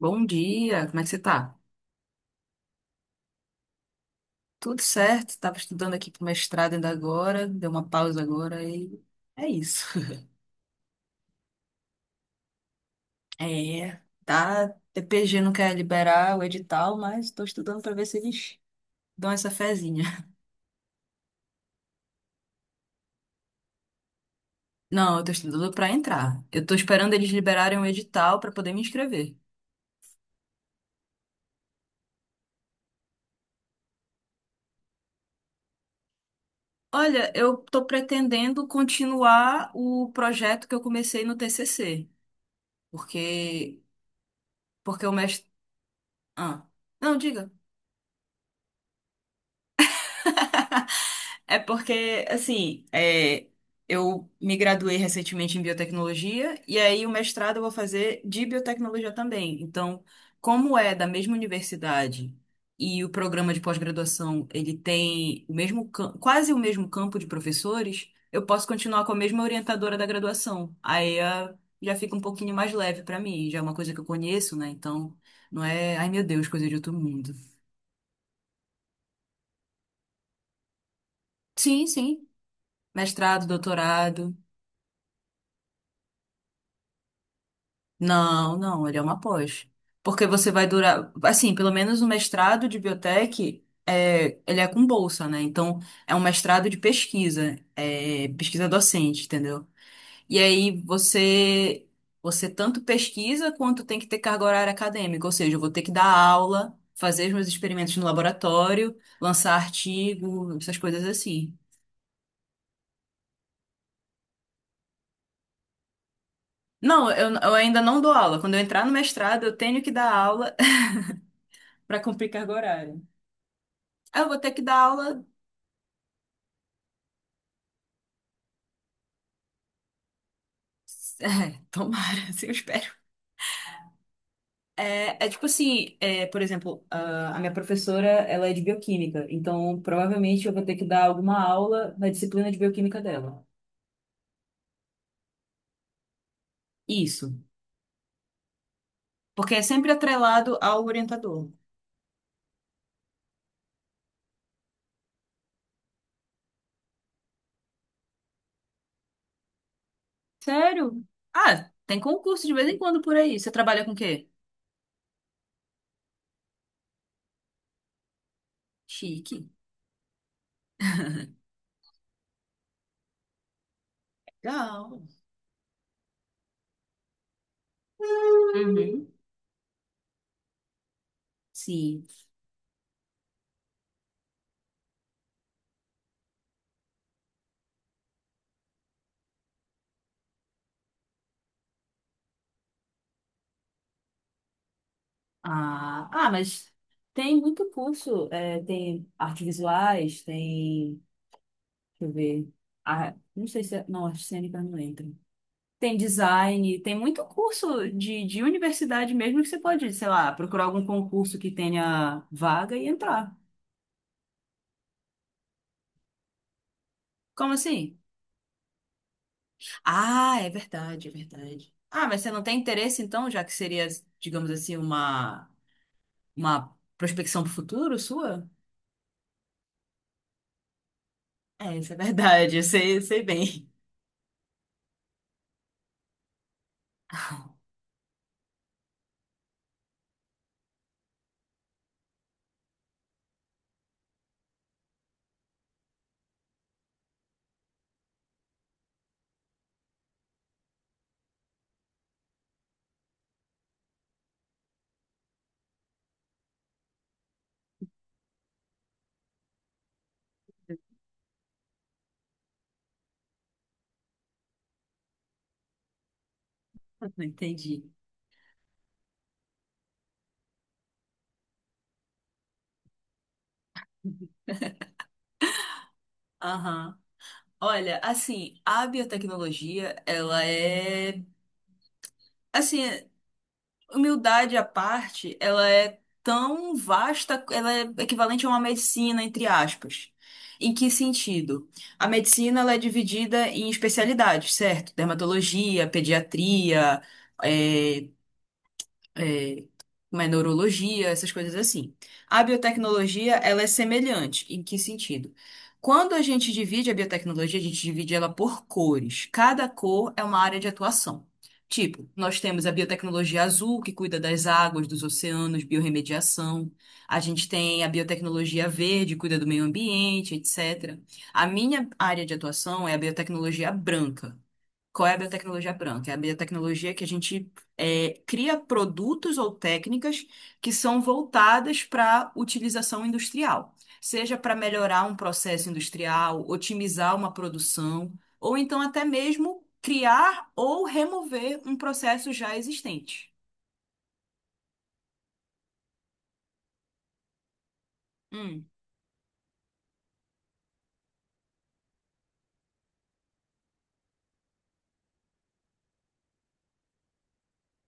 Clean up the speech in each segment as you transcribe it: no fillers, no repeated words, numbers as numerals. Bom dia, como é que você tá? Tudo certo, estava estudando aqui pro mestrado ainda agora, deu uma pausa agora e é isso. É, tá, TPG não quer liberar o edital, mas estou estudando para ver se eles dão essa fezinha. Não, eu tô estudando para entrar. Eu tô esperando eles liberarem o edital para poder me inscrever. Olha, eu tô pretendendo continuar o projeto que eu comecei no TCC, porque porque Ah, não, diga. É porque, assim, eu me graduei recentemente em biotecnologia, e aí o mestrado eu vou fazer de biotecnologia também. Então, como é da mesma universidade e o programa de pós-graduação ele tem o mesmo, quase o mesmo campo de professores, eu posso continuar com a mesma orientadora da graduação. Aí já fica um pouquinho mais leve para mim, já é uma coisa que eu conheço, né? Então, não é, ai meu Deus, coisa de outro mundo. Sim, sim. Mestrado, doutorado. Não, não, ele é uma pós. Porque você vai durar, assim, pelo menos o mestrado de biotech, ele é com bolsa, né? Então, é um mestrado de pesquisa, pesquisa docente, entendeu? E aí você tanto pesquisa quanto tem que ter carga horária acadêmica, ou seja, eu vou ter que dar aula, fazer os meus experimentos no laboratório, lançar artigo, essas coisas assim. Não, eu ainda não dou aula. Quando eu entrar no mestrado, eu tenho que dar aula para cumprir carga horária. Ah, eu vou ter que dar aula. É, tomara, assim eu espero. É tipo assim, por exemplo, a minha professora, ela é de bioquímica, então provavelmente eu vou ter que dar alguma aula na disciplina de bioquímica dela. Isso, porque é sempre atrelado ao orientador. Sério? Ah, tem concurso de vez em quando por aí. Você trabalha com o quê? Chique. Legal. Uhum. Sim. Ah, mas tem muito curso. Tem artes visuais, tem. Deixa eu ver. Ah, não sei se é. Não, acho que cênica não entra. Tem design, tem muito curso de universidade mesmo que você pode, sei lá, procurar algum concurso que tenha vaga e entrar. Como assim? Ah, é verdade, é verdade. Ah, mas você não tem interesse então, já que seria, digamos assim, uma prospecção para o futuro sua? É, isso é verdade, eu sei bem. Entendi. Aham. Olha, assim, a biotecnologia, ela é. Assim, humildade à parte, ela é tão vasta, ela é equivalente a uma medicina, entre aspas. Em que sentido? A medicina ela é dividida em especialidades, certo? Dermatologia, pediatria, é, é, mas neurologia, essas coisas assim. A biotecnologia, ela é semelhante. Em que sentido? Quando a gente divide a biotecnologia, a gente divide ela por cores. Cada cor é uma área de atuação. Tipo, nós temos a biotecnologia azul, que cuida das águas, dos oceanos, biorremediação. A gente tem a biotecnologia verde, cuida do meio ambiente, etc. A minha área de atuação é a biotecnologia branca. Qual é a biotecnologia branca? É a biotecnologia que a gente cria produtos ou técnicas que são voltadas para utilização industrial, seja para melhorar um processo industrial, otimizar uma produção, ou então até mesmo criar ou remover um processo já existente. Hum,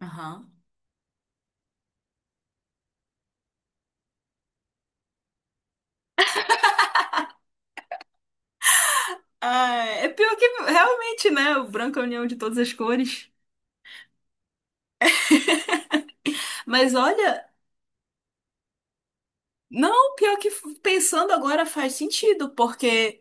aham. Ah, é pior que realmente, né? O branco é a união de todas as cores. Mas olha, não, pior que pensando agora faz sentido, porque.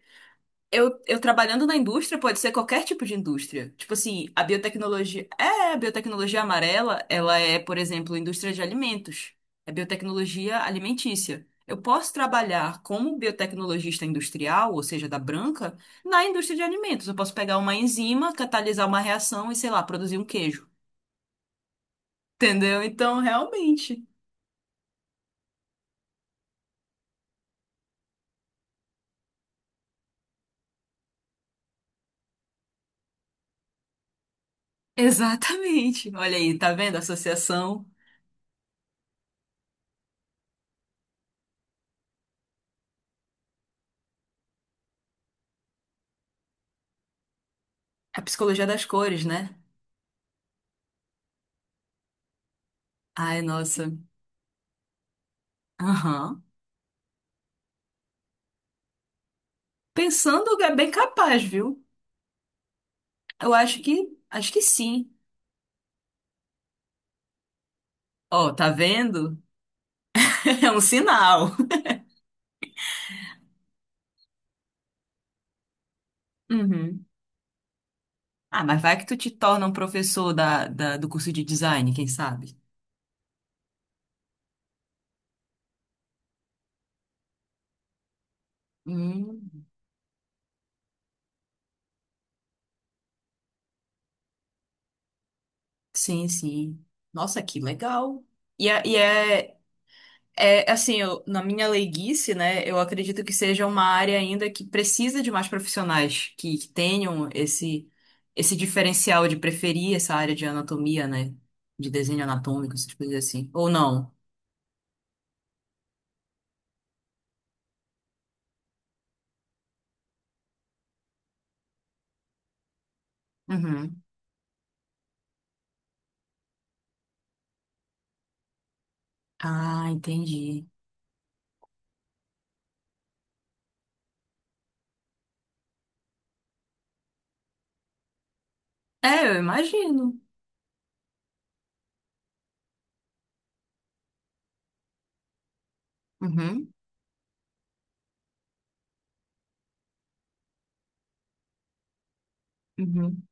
Eu trabalhando na indústria, pode ser qualquer tipo de indústria. Tipo assim, a biotecnologia. É, a biotecnologia amarela, ela é, por exemplo, indústria de alimentos. É biotecnologia alimentícia. Eu posso trabalhar como biotecnologista industrial, ou seja, da branca, na indústria de alimentos. Eu posso pegar uma enzima, catalisar uma reação e, sei lá, produzir um queijo. Entendeu? Então, realmente. Exatamente. Olha aí, tá vendo a associação? É a psicologia das cores, né? Ai, nossa. Aham. Pensando, é bem capaz, viu? Eu acho que sim. Ó, tá vendo? É um sinal. Uhum. Ah, mas vai que tu te torna um professor da, do curso de design, quem sabe? Hum, sim, sim. Nossa, que legal. E assim, na minha leiguice, né, eu acredito que seja uma área ainda que precisa de mais profissionais que tenham esse, esse diferencial de preferir essa área de anatomia, né, de desenho anatômico, essas coisas assim. Ou não? Uhum. Ah, entendi. É, eu imagino. Uhum, uhum,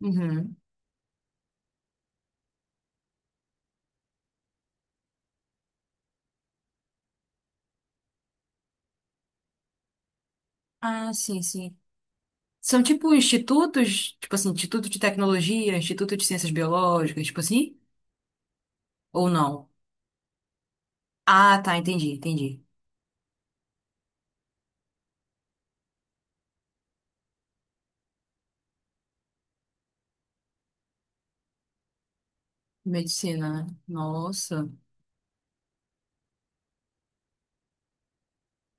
uhum. Ah, sim, sim. São tipo institutos, tipo assim, instituto de tecnologia, instituto de ciências biológicas, tipo assim? Ou não? Ah, tá, entendi, entendi. Medicina, né? Nossa.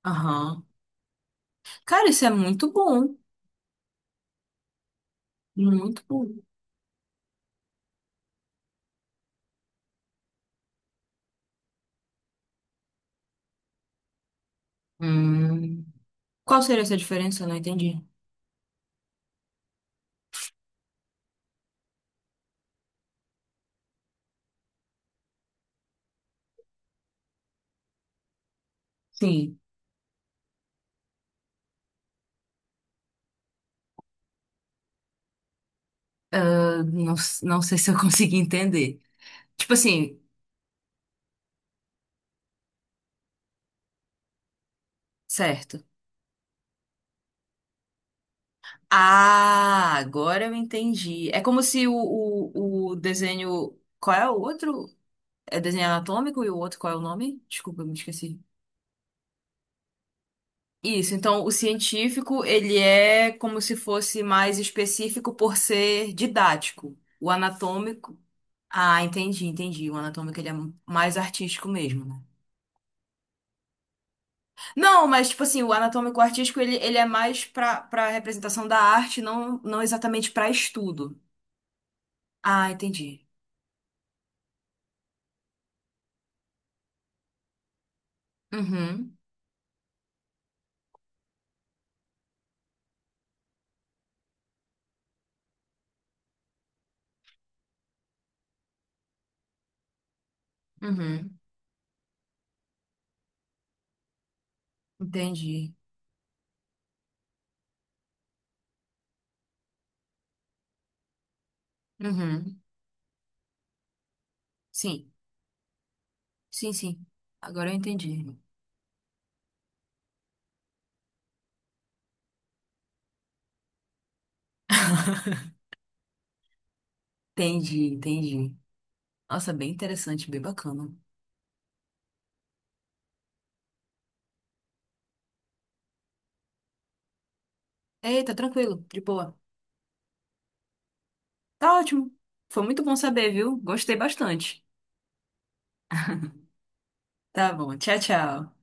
Aham. Cara, isso é muito bom. Muito bom. Hum. Qual seria essa diferença? Eu não entendi. Sim. Eu não sei se eu consegui entender. Tipo assim, certo. Ah, agora eu entendi. É como se o desenho. Qual é o outro? É desenho anatômico e o outro, qual é o nome? Desculpa, eu me esqueci. Isso, então o científico, ele é como se fosse mais específico por ser didático. O anatômico. Ah, entendi, entendi. O anatômico ele é mais artístico mesmo, né? Não, mas tipo assim, o anatômico artístico ele é mais pra para representação da arte, não não exatamente pra estudo. Ah, entendi. Uhum, uhum, entendi. Uhum. Sim, sim, sim. Agora eu entendi. Entendi, entendi. Nossa, bem interessante, bem bacana. Eita, tranquilo, de boa. Tá ótimo. Foi muito bom saber, viu? Gostei bastante. Tá bom, tchau, tchau.